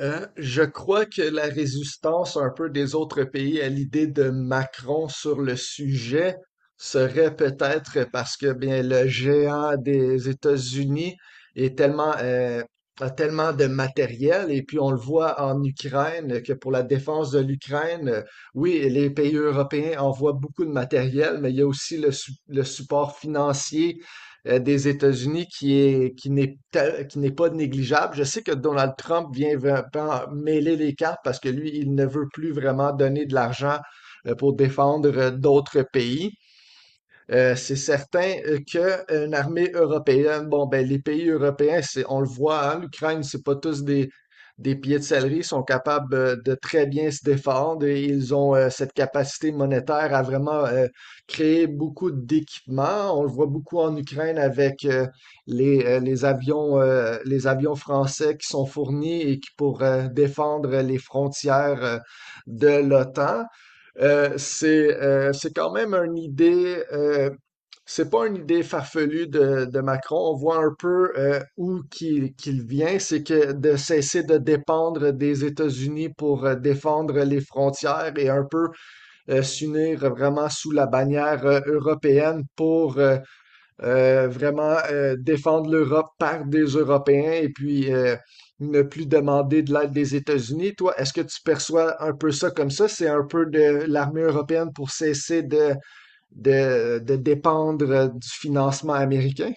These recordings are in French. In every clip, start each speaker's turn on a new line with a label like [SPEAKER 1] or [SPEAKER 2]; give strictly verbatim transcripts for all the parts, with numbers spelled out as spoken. [SPEAKER 1] Euh, je crois que la résistance un peu des autres pays à l'idée de Macron sur le sujet serait peut-être parce que bien le géant des États-Unis est tellement euh, a tellement de matériel et puis on le voit en Ukraine que pour la défense de l'Ukraine, euh, oui, les pays européens envoient beaucoup de matériel, mais il y a aussi le, su- le support financier euh, des États-Unis qui est, qui n'est, tel- qui n'est pas négligeable. Je sais que Donald Trump vient vraiment mêler les cartes parce que lui, il ne veut plus vraiment donner de l'argent euh, pour défendre euh, d'autres pays. Euh, c'est certain qu'une armée européenne, bon, ben, les pays européens, c'est, on le voit, hein, l'Ukraine, c'est pas tous des, des pieds de céleri, ils sont capables euh, de très bien se défendre et ils ont euh, cette capacité monétaire à vraiment euh, créer beaucoup d'équipements. On le voit beaucoup en Ukraine avec euh, les, euh, les avions, euh, les avions français qui sont fournis et qui pour euh, défendre les frontières euh, de l'O T A N. Euh, c'est euh, c'est quand même une idée, euh, c'est pas une idée farfelue de, de Macron. On voit un peu euh, où qu'il qu'il vient, c'est que de cesser de dépendre des États-Unis pour euh, défendre les frontières et un peu euh, s'unir vraiment sous la bannière euh, européenne pour euh, euh, vraiment euh, défendre l'Europe par des Européens et puis euh, ne plus demander de l'aide des États-Unis. Toi, est-ce que tu perçois un peu ça comme ça? C'est un peu de l'armée européenne pour cesser de, de, de dépendre euh, du financement américain?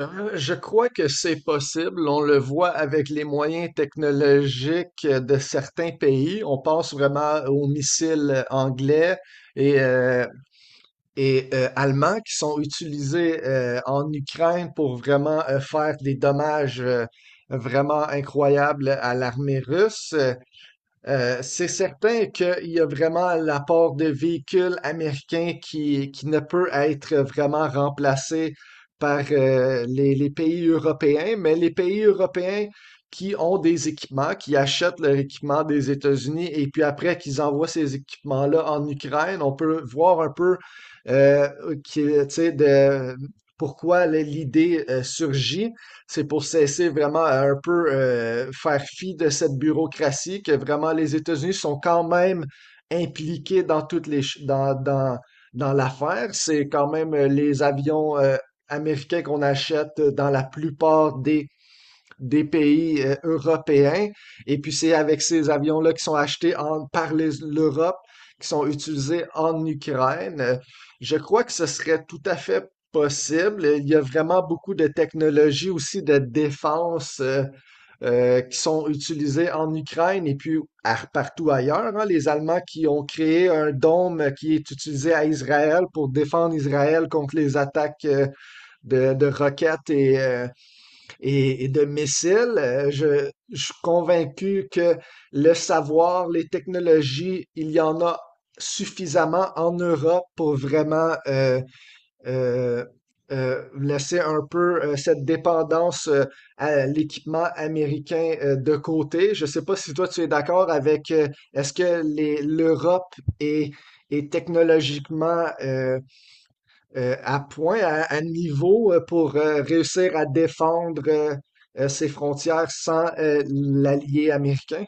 [SPEAKER 1] Euh, je crois que c'est possible. On le voit avec les moyens technologiques de certains pays. On pense vraiment aux missiles anglais et euh, et euh, allemands qui sont utilisés euh, en Ukraine pour vraiment euh, faire des dommages euh, vraiment incroyables à l'armée russe. Euh, euh, c'est certain qu'il y a vraiment l'apport de véhicules américains qui, qui ne peut être vraiment remplacé par euh, les, les pays européens, mais les pays européens qui ont des équipements, qui achètent leur équipement des États-Unis et puis après qu'ils envoient ces équipements-là en Ukraine, on peut voir un peu euh, qui, tu sais, de, pourquoi l'idée euh, surgit. C'est pour cesser vraiment à un peu euh, faire fi de cette bureaucratie que vraiment les États-Unis sont quand même impliqués dans toutes les ch- dans, dans, dans l'affaire. C'est quand même euh, les avions euh, américains qu'on achète dans la plupart des des pays euh, européens. Et puis c'est avec ces avions-là qui sont achetés en- par les- l'Europe, qui sont utilisés en Ukraine. Euh, Je crois que ce serait tout à fait possible. Il y a vraiment beaucoup de technologies aussi de défense euh, euh, qui sont utilisées en Ukraine et puis à- partout ailleurs, hein. Les Allemands qui ont créé un dôme qui est utilisé à Israël pour défendre Israël contre les attaques euh, de, de roquettes et, euh, et, et de missiles. Euh, Je, je suis convaincu que le savoir, les technologies, il y en a suffisamment en Europe pour vraiment euh, euh, euh, laisser un peu euh, cette dépendance euh, à l'équipement américain euh, de côté. Je ne sais pas si toi tu es d'accord avec euh, est-ce que les- l'Europe est, est technologiquement euh, euh, à point, à, à niveau euh, pour euh, réussir à défendre euh, euh, ses frontières sans euh, l'allié américain?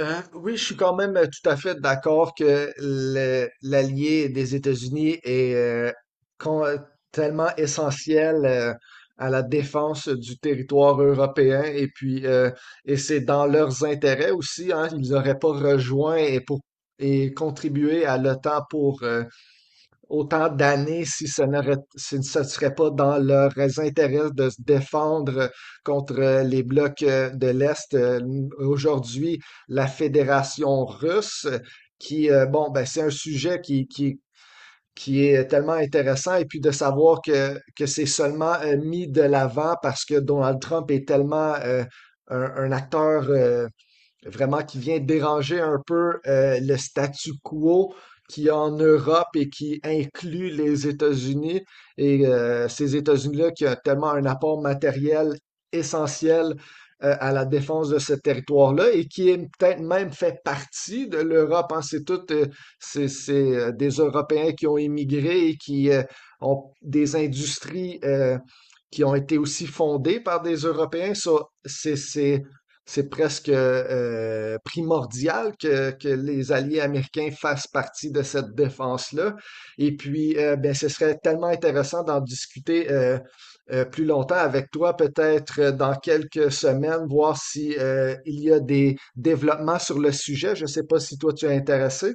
[SPEAKER 1] Euh, oui, je suis quand même euh, tout à fait d'accord que le- l'allié des États-Unis est euh, con- euh, tellement essentiel euh, à la défense du territoire européen et puis euh, et c'est dans leurs intérêts aussi, hein, ils n'auraient pas rejoint et pour et contribué à l'O T A N pour euh, autant d'années si ce n'aurait- si ce ne serait pas dans leurs intérêts de se défendre contre les blocs euh, de l'Est. Euh, Aujourd'hui, la Fédération russe, qui, euh, bon, ben, c'est un sujet qui, qui, qui est tellement intéressant, et puis de savoir que, que c'est seulement euh, mis de l'avant parce que Donald Trump est tellement euh, un, un acteur, euh, vraiment qui vient déranger un peu euh, le statu quo qui est en Europe et qui inclut les États-Unis. Et euh, ces États-Unis-là qui ont tellement un apport matériel essentiel euh, à la défense de ce territoire-là et qui est peut-être même fait partie de l'Europe, hein. C'est tout, euh, c'est, c'est, euh, des Européens qui ont émigré et qui euh, ont des industries euh, qui ont été aussi fondées par des Européens. Ça, c'est, c'est c'est presque euh, primordial que, que, les alliés américains fassent partie de cette défense-là. Et puis, euh, ben, ce serait tellement intéressant d'en discuter euh, euh, plus longtemps avec toi, peut-être euh, dans quelques semaines, voir si euh, il y a des développements sur le sujet. Je ne sais pas si toi tu es intéressé.